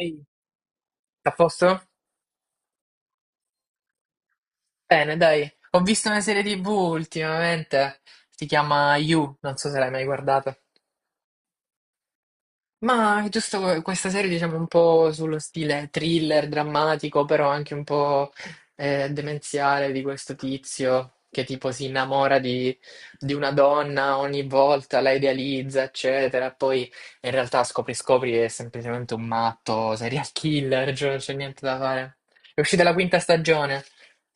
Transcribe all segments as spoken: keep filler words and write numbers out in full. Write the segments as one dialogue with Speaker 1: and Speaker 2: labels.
Speaker 1: Ehi, a posto? Bene, dai. Ho visto una serie tivù ultimamente, si chiama You, non so se l'hai mai guardata. Ma è giusto que- questa serie, diciamo, un po' sullo stile thriller, drammatico, però anche un po' eh, demenziale di questo tizio che tipo si innamora di, di una donna ogni volta, la idealizza, eccetera. Poi in realtà scopri, scopri che è semplicemente un matto, serial killer, cioè non c'è niente da fare. È uscita la quinta stagione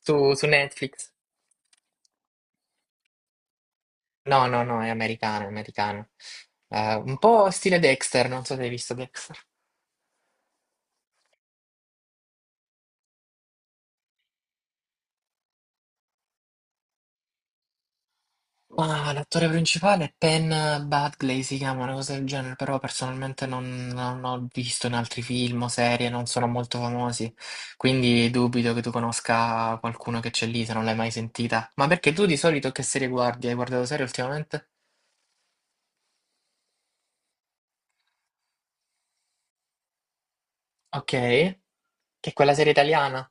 Speaker 1: su, su Netflix. No, no, no, è americana, è americana. Eh, un po' stile Dexter, non so se hai visto Dexter. Ma l'attore principale è Penn Badgley, si chiama una cosa del genere, però personalmente non, non ho visto in altri film o serie, non sono molto famosi, quindi dubito che tu conosca qualcuno che c'è lì se non l'hai mai sentita. Ma perché tu di solito che serie guardi? Hai guardato serie ultimamente? Ok, che è quella serie italiana,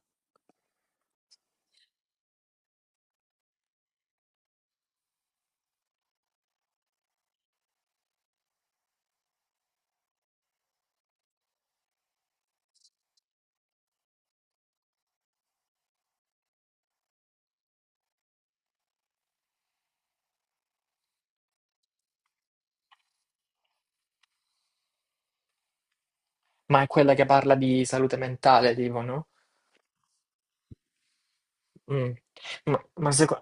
Speaker 1: ma è quella che parla di salute mentale, tipo, no? Mm. Ma, ma seco-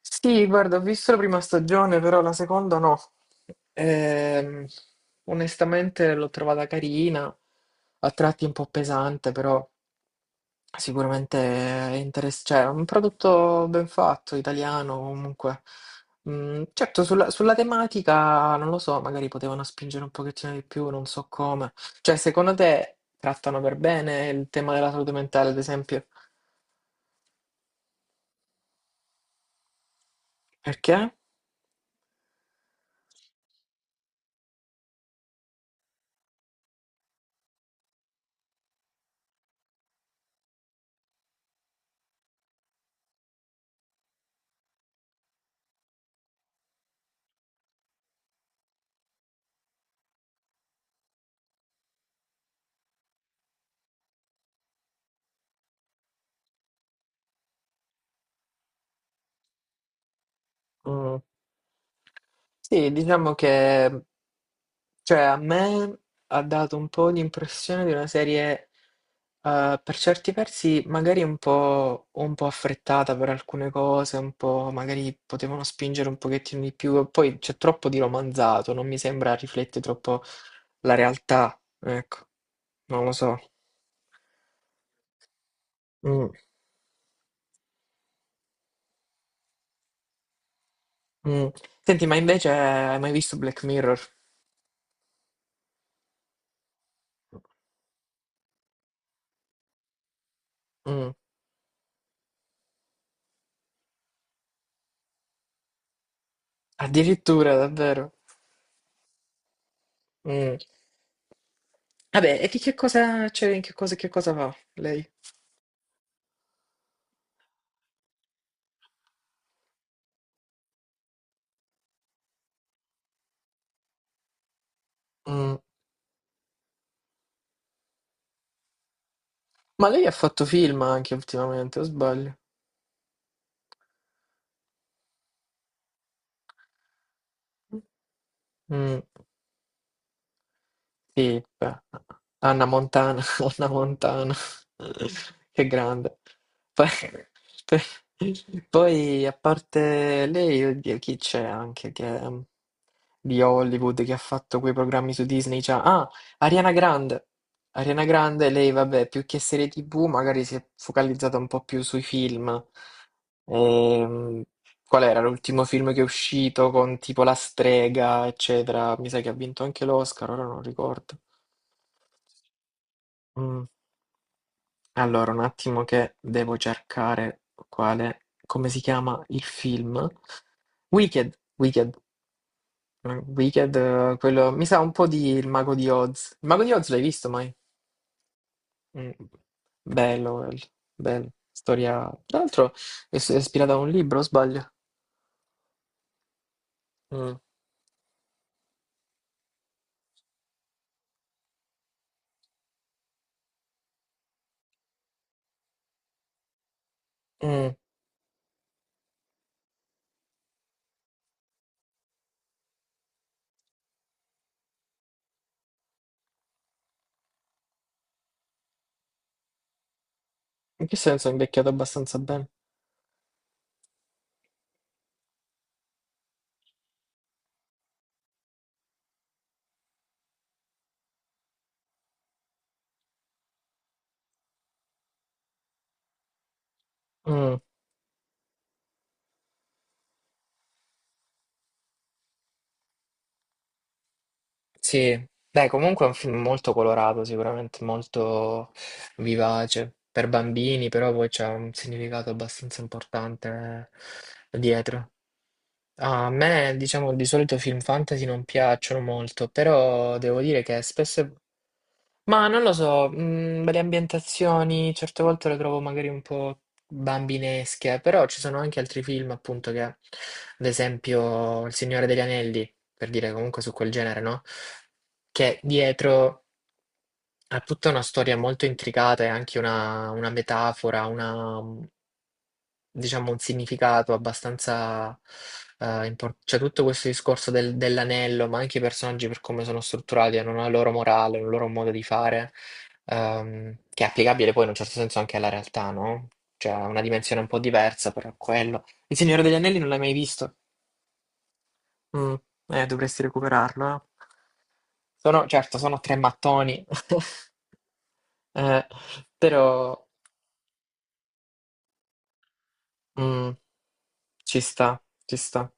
Speaker 1: Sì, guarda, ho visto la prima stagione, però la seconda no. Ehm, Onestamente l'ho trovata carina, a tratti un po' pesante, però sicuramente è interessante. Cioè, è un prodotto ben fatto, italiano comunque. Mm, certo, sulla, sulla tematica, non lo so, magari potevano spingere un pochettino di più, non so come. Cioè, secondo te trattano per bene il tema della salute mentale, ad esempio? Perché? Mm. Sì, diciamo che, cioè, a me ha dato un po' l'impressione di una serie, eh, per certi versi magari un po', un po' affrettata per alcune cose, un po' magari potevano spingere un pochettino di più, poi c'è troppo di romanzato, non mi sembra riflette troppo la realtà, ecco, non lo so. Mm, mm. Senti, ma invece hai mai visto Black Mirror? Mm. Addirittura, davvero? Mm. Vabbè, e di che cosa, cioè, in che cosa, che cosa va lei? Mm. Ma lei ha fatto film anche ultimamente, o sbaglio? Mm. Sì, beh, Anna Montana, Anna Montana, che grande. Poi, poi, a parte lei, oddio, chi c'è anche che, um, di Hollywood che ha fatto quei programmi su Disney? Cioè, ah, Ariana Grande. Ariana Grande, lei, vabbè, più che serie tivù, magari si è focalizzata un po' più sui film. Ehm, Qual era l'ultimo film che è uscito con tipo La strega, eccetera? Mi sa che ha vinto anche l'Oscar, ora non ricordo. Mm. Allora, un attimo che devo cercare quale, come si chiama il film? Wicked, Wicked. Mm, Wicked, eh, quello, mi sa un po' di Il Mago di Oz. Il Mago di Oz l'hai visto mai? Mm. Bello, quello, bello. Storia, tra l'altro è è ispirata a un libro, o sbaglio? Mm, mm. In che senso è invecchiato abbastanza bene? Mm. Sì, beh, comunque è un film molto colorato, sicuramente molto vivace per bambini, però poi c'è un significato abbastanza importante, eh, dietro. A me, diciamo, di solito film fantasy non piacciono molto, però devo dire che spesso ma non lo so, mm, le ambientazioni certe volte le trovo magari un po' bambinesche, però ci sono anche altri film, appunto, che ad esempio Il Signore degli Anelli, per dire comunque su quel genere, no? Che dietro ha tutta una storia molto intricata e anche una, una metafora, una, diciamo, un significato abbastanza eh, impor- Cioè, tutto questo discorso del- dell'anello, ma anche i personaggi per come sono strutturati, hanno una loro morale, un loro modo di fare, ehm, che è applicabile poi in un certo senso anche alla realtà, no? Cioè, ha una dimensione un po' diversa, però è quello. Il Signore degli Anelli non l'hai mai visto? Mm, eh, dovresti recuperarlo, eh. Sono, certo, sono tre mattoni, eh, però mm, ci sta, ci sta.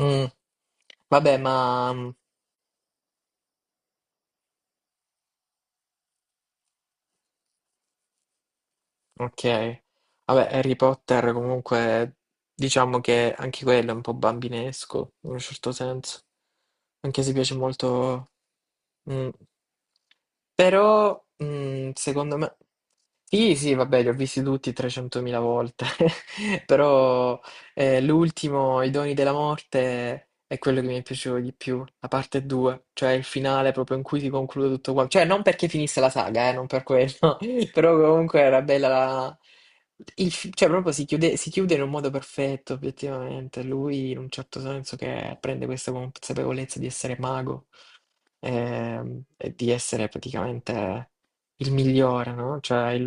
Speaker 1: Mm. Vabbè, ma mm, ok. Vabbè, Harry Potter comunque diciamo che anche quello è un po' bambinesco in un certo senso. Anche se piace molto. Mm. Però, mh, secondo me... Sì, sì, vabbè, li ho visti tutti trecentomila volte, però eh, l'ultimo, I doni della morte, è quello che mi piaceva di più, la parte due, cioè il finale proprio in cui si conclude tutto quanto, cioè non perché finisse la saga, eh, non per quello, però comunque era bella la... il fi- cioè proprio si chiude, si chiude in un modo perfetto, obiettivamente, lui in un certo senso che prende questa consapevolezza di essere mago, ehm, e di essere praticamente il migliore, no? Cioè il...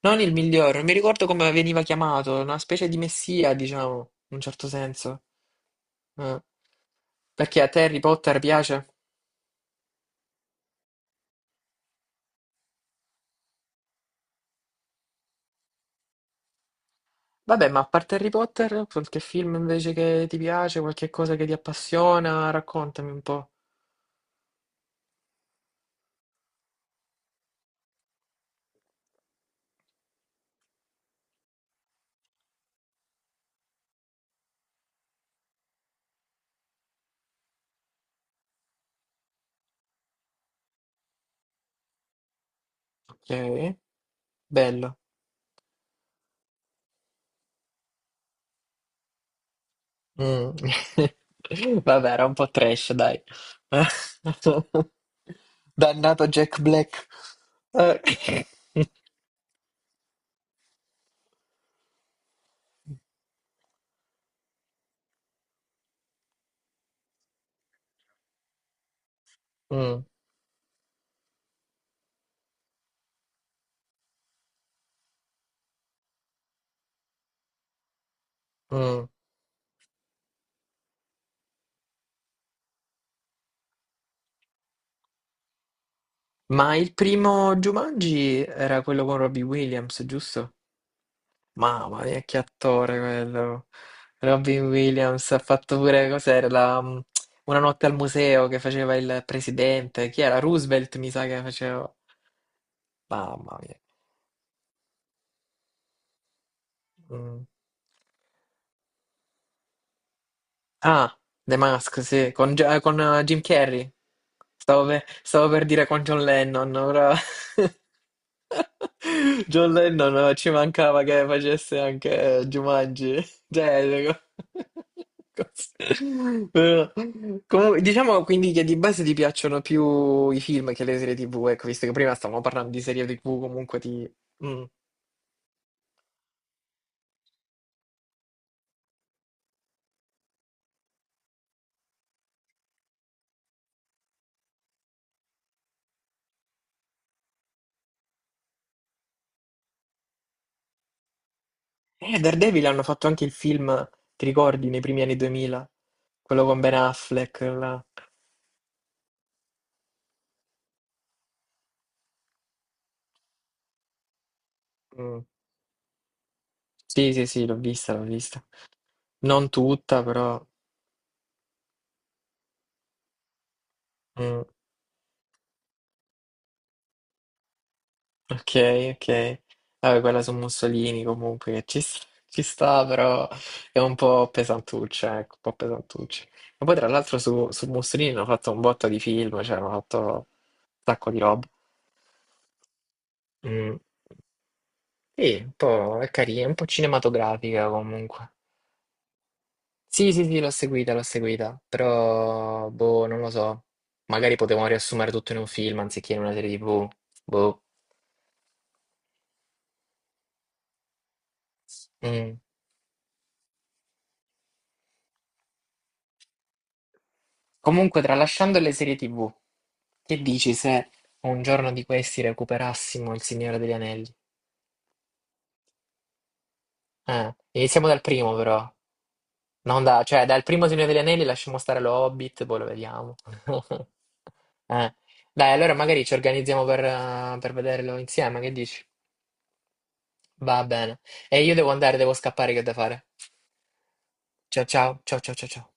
Speaker 1: non il migliore, non mi ricordo come veniva chiamato, una specie di messia, diciamo, in un certo senso. Eh, Perché a te Harry Potter piace? Vabbè, ma a parte Harry Potter, qualche film invece che ti piace, qualche cosa che ti appassiona, raccontami un po'. Ok, bello. Mm. Vabbè, era un po' trash, dai. Dannato Jack Black. Eh. Mm, mm. Ma il primo Jumanji era quello con Robbie Williams, giusto? Mamma mia, che attore quello. Robbie Williams ha fatto pure, cos'era, la, mm, Una notte al museo, che faceva il presidente. Chi era? Roosevelt, mi sa che faceva. Mamma mia. Mm. Ah, The Mask, sì, con, Gi- eh, con eh, Jim Carrey. Stavo per, stavo per dire con John Lennon, però John Lennon eh, ci mancava che facesse anche eh, Jumanji. Cioè, co- cos- però- comunque, diciamo quindi che di base ti piacciono più i film che le serie tivù, ecco, visto che prima stavamo parlando di serie tivù, comunque ti... Mm. Eh, Daredevil hanno fatto anche il film, ti ricordi, nei primi anni duemila? Quello con Ben Affleck, là. Mm. Sì, sì, sì, l'ho vista, l'ho vista. Non tutta, però... mm, ok, ok. Vabbè, quella su Mussolini comunque che ci sta, ci sta, però è un po' pesantuccia, ecco, un po' pesantuccia. E poi tra l'altro su, su Mussolini hanno fatto un botto di film, cioè hanno fatto un sacco di roba. Mm. Sì, un po' è carina, un po' cinematografica comunque. Sì, sì, sì, l'ho seguita, l'ho seguita, però, boh, non lo so. Magari potevamo riassumere tutto in un film anziché in una serie tivù. Boh. Mm. Comunque, tralasciando le serie tivù, che dici se un giorno di questi recuperassimo Il Signore degli Anelli? Eh, iniziamo dal primo, però. Non da, cioè, dal primo Signore degli Anelli lasciamo stare lo Hobbit, poi lo vediamo. Eh, dai, allora magari ci organizziamo per, eh, per vederlo insieme, che dici? Va bene. E io devo andare, devo scappare, che ho da fare. Ciao ciao, ciao ciao ciao ciao.